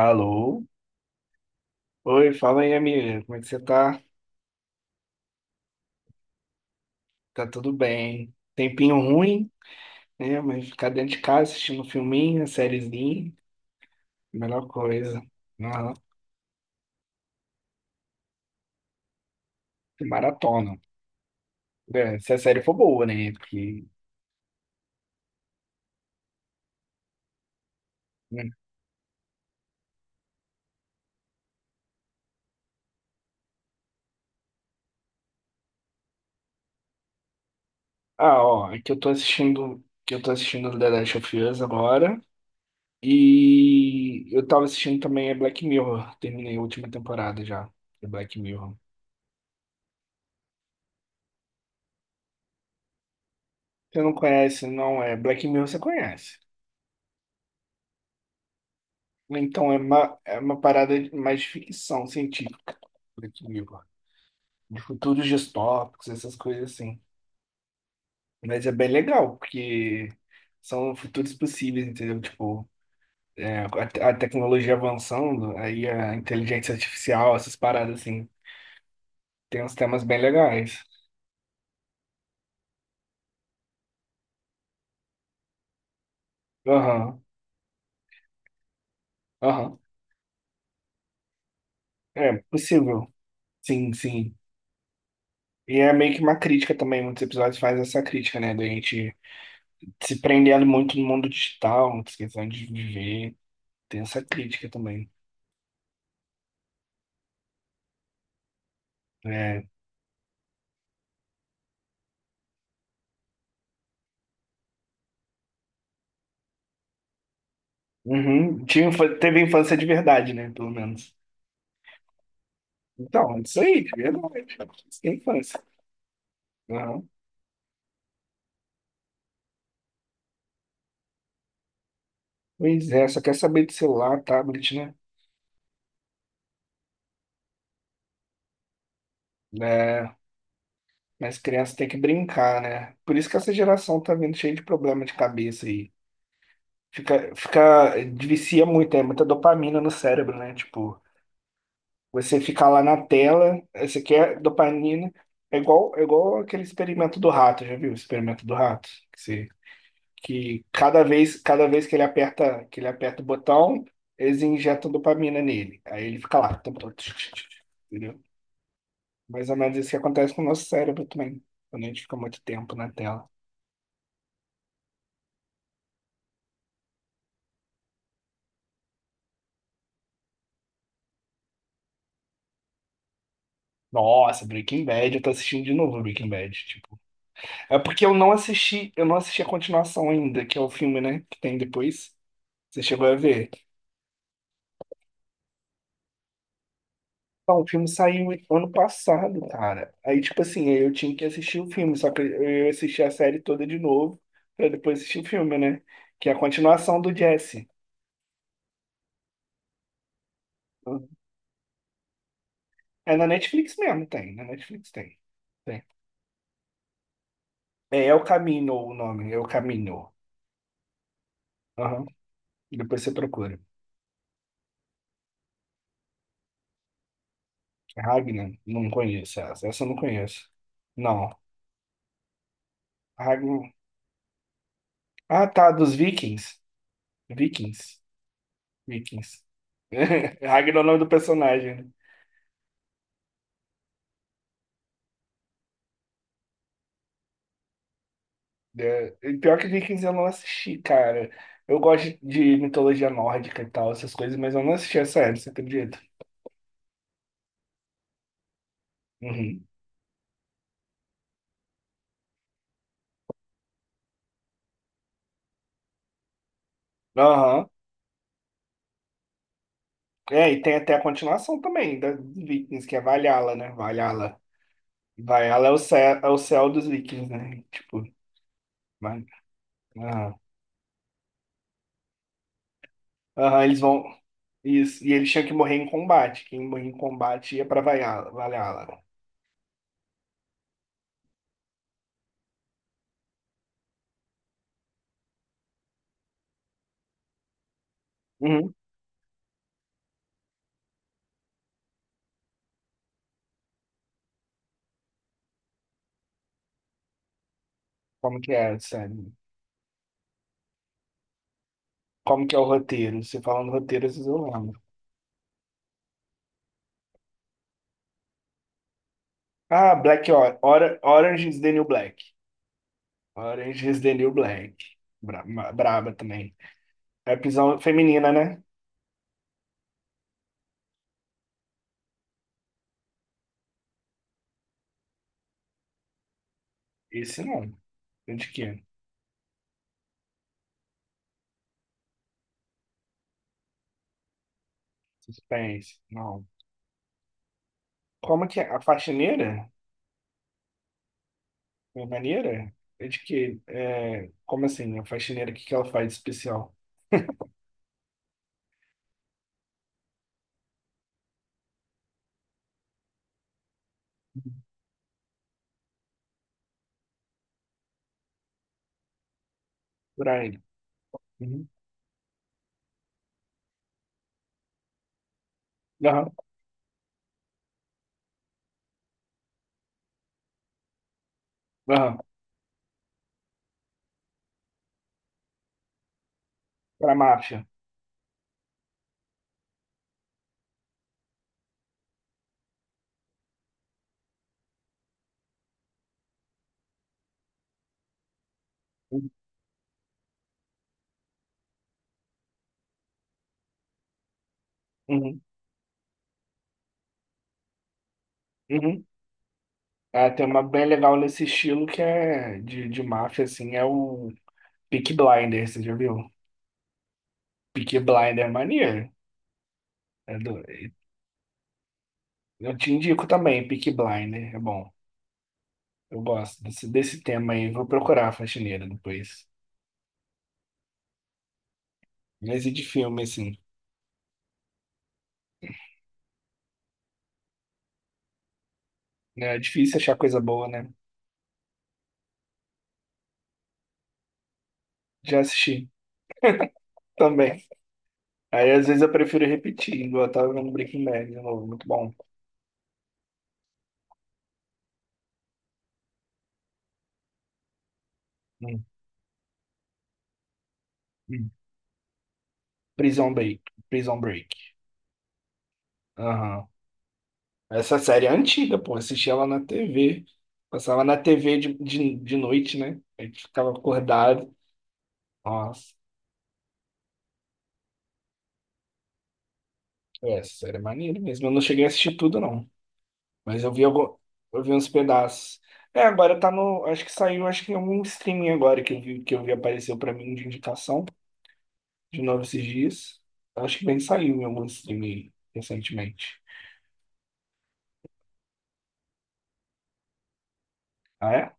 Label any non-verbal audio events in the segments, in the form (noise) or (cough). Alô? Oi, fala aí, amiga. Como é que você tá? Tá tudo bem? Tempinho ruim, né? Mas ficar dentro de casa assistindo um filminho, sériezinha, melhor coisa. Aham. Maratona. É, se a série for boa, né? Porque... né? Ah, ó, é que eu tô assistindo, The Last of Us agora. E eu tava assistindo também a Black Mirror. Terminei a última temporada já de Black Mirror. Você não conhece, não é? Black Mirror você conhece. Então é uma parada de- mais ficção científica, esse livro. De futuros distópicos, essas coisas assim. Mas é bem legal, porque são futuros possíveis, entendeu? Tipo, é, a, te- a tecnologia avançando, aí a inteligência artificial, essas paradas assim. Tem uns temas bem legais. Aham, aham. É possível. Sim, sim. E é meio que uma crítica também, muitos episódios fazem essa crítica, né? Da gente se prendendo muito no mundo digital, muita questão de viver. Tem essa crítica também. É. Uhum. Tinha, infa- teve infância de verdade, né? Pelo menos. Então, é isso aí, de verdade. Isso que é infância. Uhum. Pois é, só quer saber de celular, tablet, né? É, mas criança tem que brincar, né? Por isso que essa geração tá vindo cheia de problema de cabeça aí. Fica, vicia muito, é muita dopamina no cérebro, né? Tipo, você ficar lá na tela, aí você quer dopamina. É igual aquele experimento do rato, já viu? O experimento do rato? Que cada vez que ele aperta, o botão, eles injetam dopamina nele. Aí ele fica lá, o tempo todo. Entendeu? Mais ou menos isso que acontece com o nosso cérebro também, quando a gente fica muito tempo na tela. Nossa, Breaking Bad, eu tô assistindo de novo Breaking Bad, tipo. É porque eu não assisti, a continuação ainda, que é o filme, né, que tem depois. Você chegou a ver? Não, o filme saiu ano passado, cara. Aí, tipo assim, eu tinha que assistir o filme, só que eu assisti a série toda de novo, pra depois assistir o filme, né? Que é a continuação do Jesse. É na Netflix mesmo, tem. Na Netflix tem. Tem. É El Camino o nome, El Camino. Aham. Depois você procura. Ragnar, não conheço essa. Essa eu não conheço. Não. Ragnar. Ah, tá, dos Vikings. Vikings. Vikings. (laughs) Ragnar é o nome do personagem. Né? É, e pior que Vikings eu não assisti, cara. Eu gosto de mitologia nórdica e tal, essas coisas, mas eu não assisti a série, você acredita? Uhum. Aham. É, e tem até a continuação também da dos Vikings, que é Valhalla, né? Valhalla. Valhalla é o céu dos Vikings, né? Tipo, vai. Aham. Aham, eles vão. Isso. E eles tinham que morrer em combate. Quem morria em combate ia pra Valhalla. Valhalla. Uhum. Como que é, sério? Como que é o roteiro? Você falando roteiro, vocês eu lembro. Ah, Orange is the New Black. Orange is the New Black. Braba também. É prisão feminina, né? Esse não. É de que? Suspense. Não. Como que é? A faxineira? A maneira? É de que? É... Como assim? A faxineira, o que que ela faz de especial? Por aí. Uhum. Aham. Aham. Pra máfia. Uhum. Uhum. Uhum. Ah, tem uma bem legal nesse estilo que é de máfia, assim, é o Peaky Blinders, você já viu? Peaky Blinder é maneiro. É do- Eu te indico também, Peaky Blinder. É bom. Eu gosto desse tema aí. Vou procurar a faxineira depois. Mas e de filme, assim? É difícil achar coisa boa, né? Já assisti também. Aí às vezes eu prefiro repetir, igual eu tava vendo Breaking Bad de novo. Muito bom. Hum, hum. Prison Break. Prison Break. Aham. Essa série é antiga, pô. Assisti ela na TV. Passava na TV de noite, né? A gente ficava acordado. Nossa. É, essa série é maneiro mesmo. Eu não cheguei a assistir tudo, não. Mas eu vi, algum, eu vi uns pedaços. É, agora tá no. Acho que saiu, acho que em algum streaming agora que eu vi, apareceu pra mim de indicação de novo esses dias. Acho que bem saiu em algum streaming recentemente. Ah, é?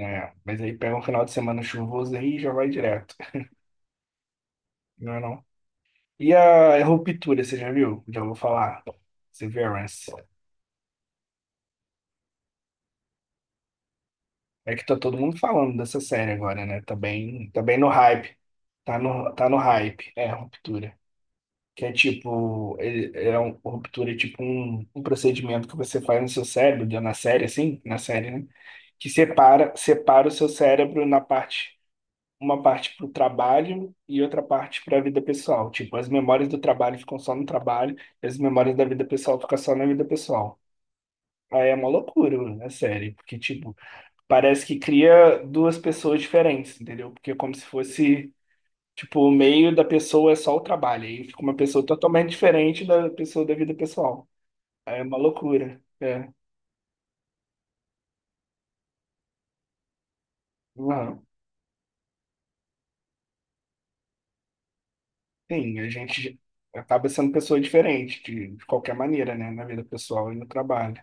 É, mas aí pega um final de semana chuvoso aí e já vai direto. Não é não? E a Ruptura, você já viu? Já vou falar. Severance. É que tá todo mundo falando dessa série agora, né? Tá bem no hype. Tá no, tá no hype. É, Ruptura. Que é tipo, ele, é um, Ruptura é tipo um, um procedimento que você faz no seu cérebro, deu na série, assim, na série, né? Que separa, separa o seu cérebro na parte, uma parte pro trabalho e outra parte pra vida pessoal. Tipo, as memórias do trabalho ficam só no trabalho, e as memórias da vida pessoal ficam só na vida pessoal. Aí é uma loucura, né, série? Porque, tipo, parece que cria duas pessoas diferentes, entendeu? Porque é como se fosse, tipo, o meio da pessoa é só o trabalho. Aí fica uma pessoa totalmente diferente da pessoa da vida pessoal. Aí é uma loucura. É. Uhum. Sim, a gente acaba sendo pessoa diferente, de qualquer maneira, né? Na vida pessoal e no trabalho.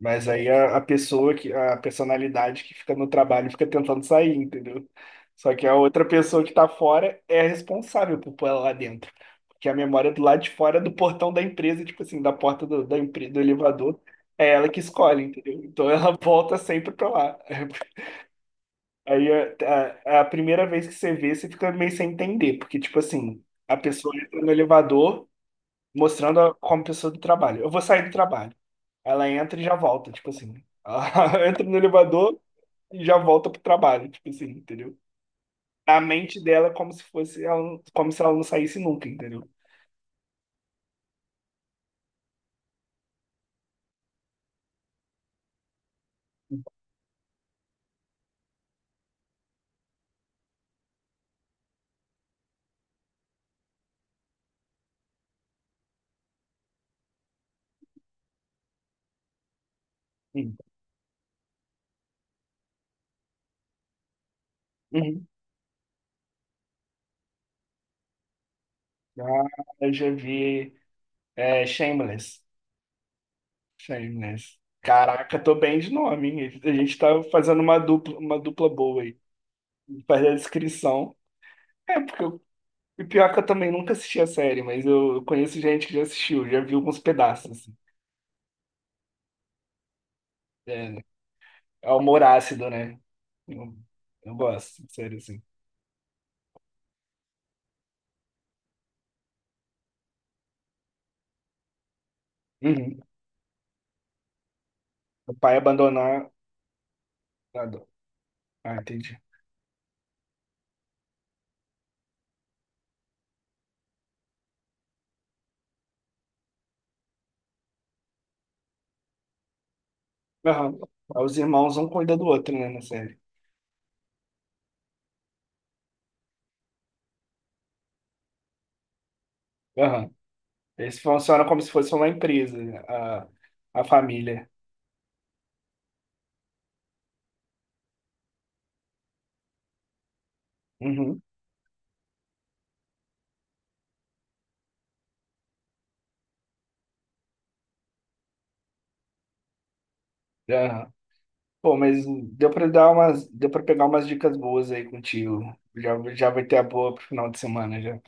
Mas aí a pessoa que, a personalidade que fica no trabalho fica tentando sair, entendeu? Só que a outra pessoa que tá fora é a responsável por pôr ela lá dentro. Porque a memória do lado de fora é do portão da empresa, tipo assim, da porta do, da empresa, do elevador, é ela que escolhe, entendeu? Então ela (laughs) volta sempre pra lá. Aí a primeira vez que você vê, você fica meio sem entender, porque, tipo assim, a pessoa entra no elevador mostrando a, como pessoa do trabalho. Eu vou sair do trabalho. Ela entra e já volta, tipo assim. Ela (laughs) entra no elevador e já volta pro trabalho, tipo assim, entendeu? A mente dela é como se fosse ela, como se ela não saísse nunca, entendeu? Sim. Uhum. Ah, eu já vi é, Shameless. Shameless. Caraca, tô bem de nome, hein? A gente tá fazendo uma dupla boa aí. Fazer a descrição. É, porque eu, e pior que eu também nunca assisti a série, mas eu, conheço gente que já assistiu, já viu alguns pedaços, assim. É, é o humor ácido, né? Eu, gosto, sério, assim. Uhum. O pai abandonar. Ah, do- ah, entendi. Aham. Aí os irmãos um cuida do outro, né, na série. Aham. Eles funcionam como se fosse uma empresa, a, a família. Uhum. Aham. Pô, mas deu pra dar umas, deu pra pegar umas dicas boas aí contigo. Já, já vai ter a boa pro final de semana já.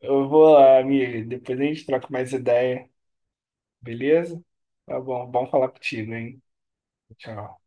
Eu vou lá, amigo. Depois a gente troca mais ideia, beleza? Tá bom, bom falar contigo, hein? Tchau.